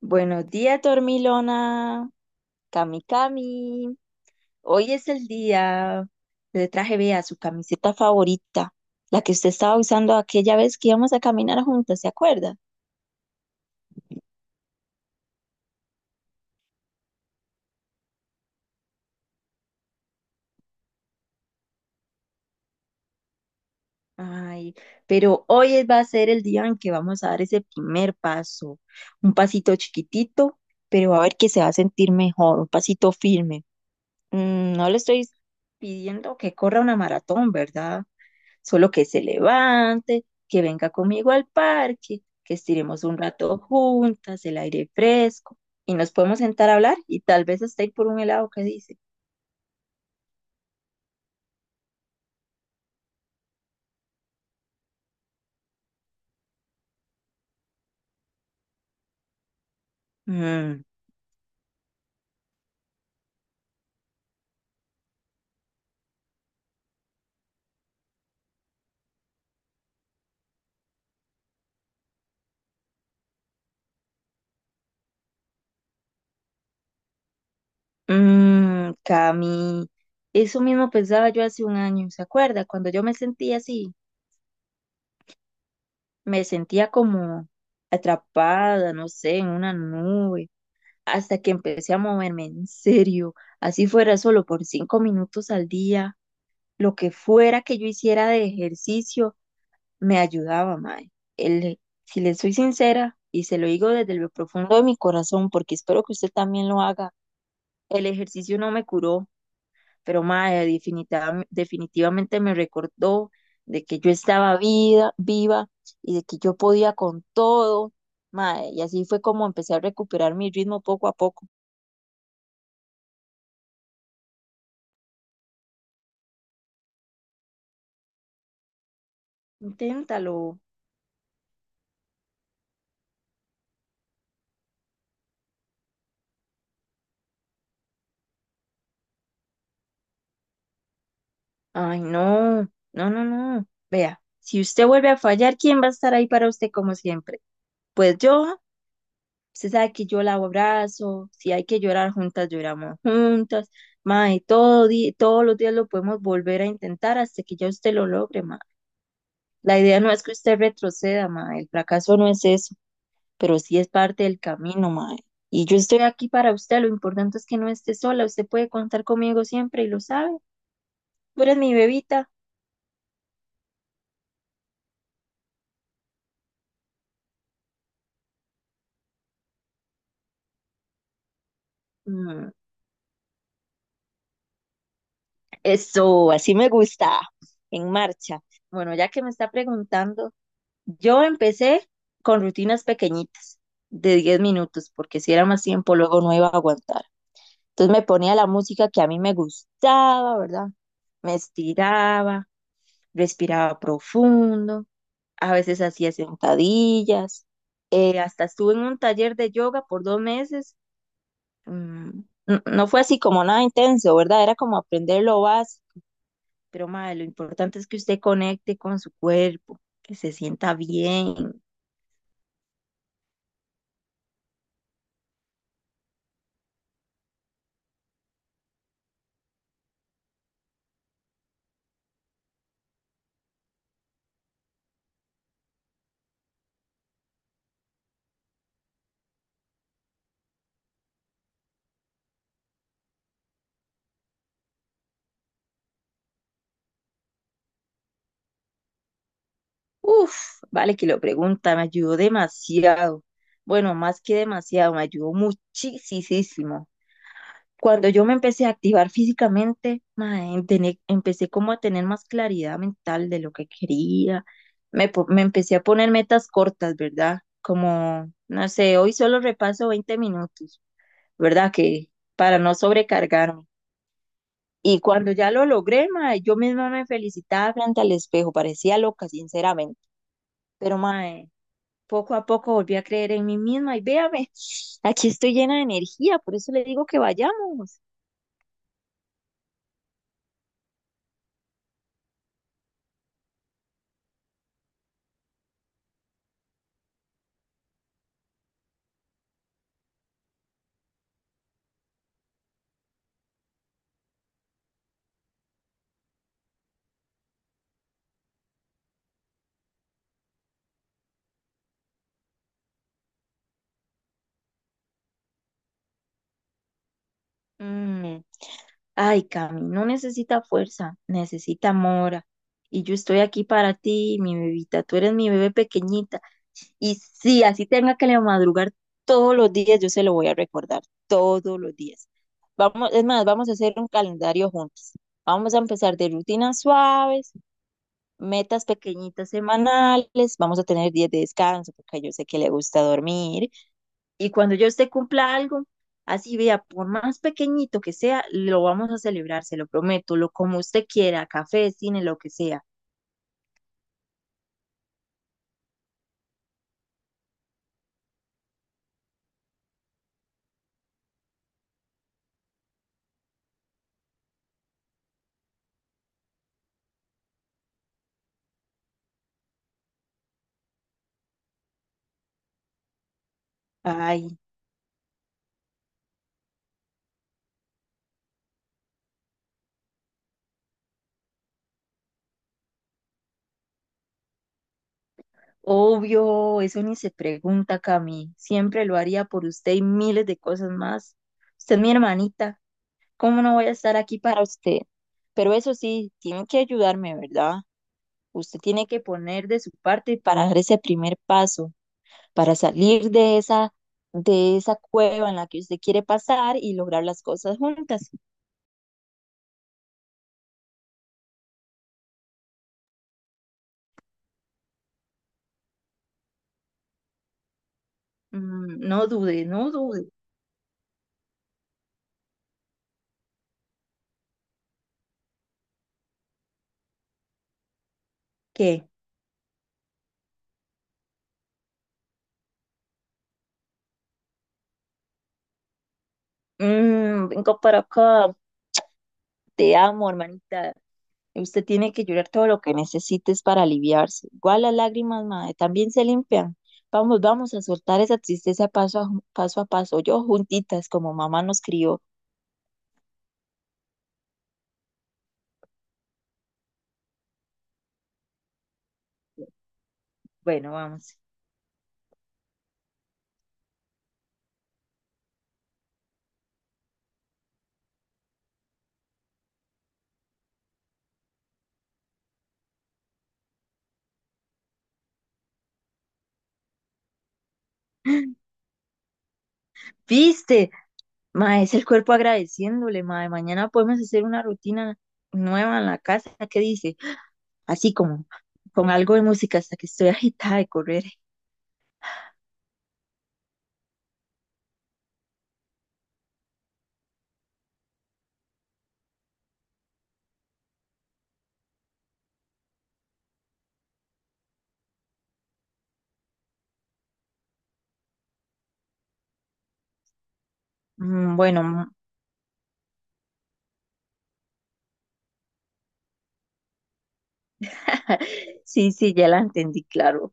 Buenos días, Dormilona, Cami Cami. Hoy es el día. Le traje, vea, su camiseta favorita, la que usted estaba usando aquella vez que íbamos a caminar juntas, ¿se acuerda? Ay, pero va a ser el día en que vamos a dar ese primer paso. Un pasito chiquitito, pero va a ver que se va a sentir mejor, un pasito firme. No le estoy pidiendo que corra una maratón, ¿verdad? Solo que se levante, que venga conmigo al parque, que estiremos un rato juntas, el aire fresco, y nos podemos sentar a hablar y tal vez hasta ir por un helado que dice. Mmm, Cami, eso mismo pensaba yo hace un año, ¿se acuerda? Cuando yo me sentía así, me sentía como atrapada, no sé, en una nube, hasta que empecé a moverme en serio, así fuera solo por 5 minutos al día, lo que fuera que yo hiciera de ejercicio me ayudaba, mae. El, si le soy sincera, y se lo digo desde lo profundo de mi corazón, porque espero que usted también lo haga, el ejercicio no me curó, pero mae, definitivamente me recordó de que yo estaba vida, viva y de que yo podía con todo, mae, y así fue como empecé a recuperar mi ritmo poco a poco. Inténtalo. Ay, no, no, no, no. Vea, si usted vuelve a fallar, ¿quién va a estar ahí para usted como siempre? Pues yo, usted sabe que yo la abrazo, si hay que llorar juntas, lloramos juntas, mae, todos los días lo podemos volver a intentar hasta que ya usted lo logre, mae. La idea no es que usted retroceda, mae, el fracaso no es eso, pero sí es parte del camino, mae. Y yo estoy aquí para usted, lo importante es que no esté sola, usted puede contar conmigo siempre y lo sabe. Tú eres mi bebita. Mm, Eso, así me gusta, en marcha. Bueno, ya que me está preguntando, yo empecé con rutinas pequeñitas de 10 minutos, porque si era más tiempo, luego no iba a aguantar. Entonces me ponía la música que a mí me gustaba, ¿verdad? Me estiraba, respiraba profundo, a veces hacía sentadillas, hasta estuve en un taller de yoga por 2 meses. mm, no fue así como nada intenso, ¿verdad? Era como aprender lo básico, pero madre, lo importante es que usted conecte con su cuerpo, que se sienta bien. Uf, vale que lo pregunta, me ayudó demasiado. Bueno, más que demasiado, me ayudó muchísimo. Cuando yo me empecé a activar físicamente, mae, empecé como a tener más claridad mental de lo que quería. Me empecé a poner metas cortas, ¿verdad? Como, no sé, hoy solo repaso 20 minutos, ¿verdad? Que para no sobrecargarme. Y cuando ya lo logré, mae, yo misma me felicitaba frente al espejo, parecía loca, sinceramente. Pero, mae, poco a poco volví a creer en mí misma y véame, aquí estoy llena de energía, por eso le digo que vayamos. Mm, Ay, Cami, no necesita fuerza, necesita mora. Y yo estoy aquí para ti, mi bebita, tú eres mi bebé pequeñita. Y sí, así tenga que le madrugar todos los días, yo se lo voy a recordar todos los días. Vamos, es más, vamos a hacer un calendario juntos. Vamos a empezar de rutinas suaves, metas pequeñitas semanales, vamos a tener días de descanso, porque yo sé que le gusta dormir, y cuando yo usted cumpla algo, así vea, por más pequeñito que sea, lo vamos a celebrar, se lo prometo, lo como usted quiera, café, cine, lo que sea. Ay, obvio, eso ni se pregunta, Cami, siempre lo haría por usted y miles de cosas más. Usted es mi hermanita, ¿cómo no voy a estar aquí para usted? Pero eso sí, tiene que ayudarme, ¿verdad? Usted tiene que poner de su parte para dar ese primer paso, para salir de esa cueva en la que usted quiere pasar y lograr las cosas juntas. No dude, no dude. ¿Qué? Vengo para acá. Te amo, hermanita. Usted tiene que llorar todo lo que necesites para aliviarse. Igual las lágrimas, madre, también se limpian. Vamos, vamos a soltar esa tristeza paso a paso, a paso yo juntitas, como mamá nos crió. Bueno, vamos. ¿Viste? Ma, es el cuerpo agradeciéndole, ma. Mañana podemos hacer una rutina nueva en la casa, ¿qué dice? Así como con algo de música hasta que estoy agitada de correr. Bueno, sí, sí, ya la entendí, claro.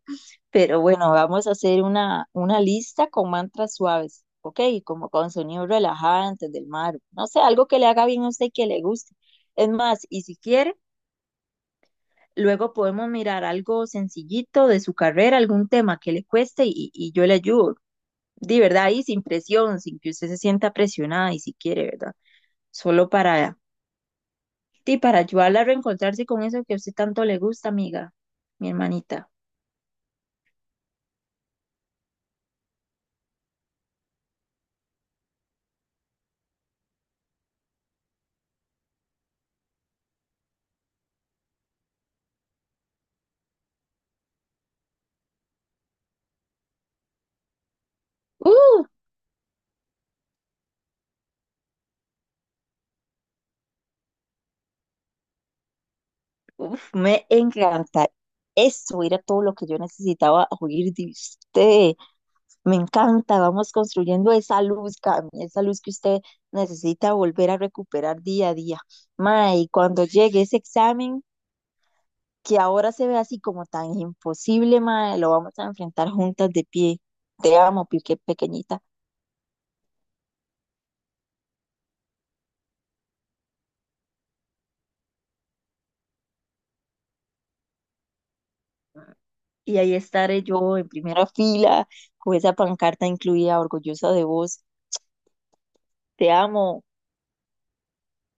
Pero bueno, vamos a hacer una lista con mantras suaves, ¿ok? Como con sonidos relajantes del mar. No sé, algo que le haga bien a usted y que le guste. Es más, y si quiere, luego podemos mirar algo sencillito de su carrera, algún tema que le cueste y yo le ayudo. De verdad, y sin presión, sin que usted se sienta presionada y si quiere, ¿verdad? Solo para, sí, para ayudarla a reencontrarse con eso que a usted tanto le gusta, amiga, mi hermanita. ¡Uh! Uf, me encanta. Eso era todo lo que yo necesitaba oír de usted. Me encanta. Vamos construyendo esa luz, Cami, esa luz que usted necesita volver a recuperar día a día. Mae, y cuando llegue ese examen, que ahora se ve así como tan imposible, mae, lo vamos a enfrentar juntas de pie. Te amo, pique pequeñita. Y ahí estaré yo en primera fila con esa pancarta incluida, orgullosa de vos. Te amo.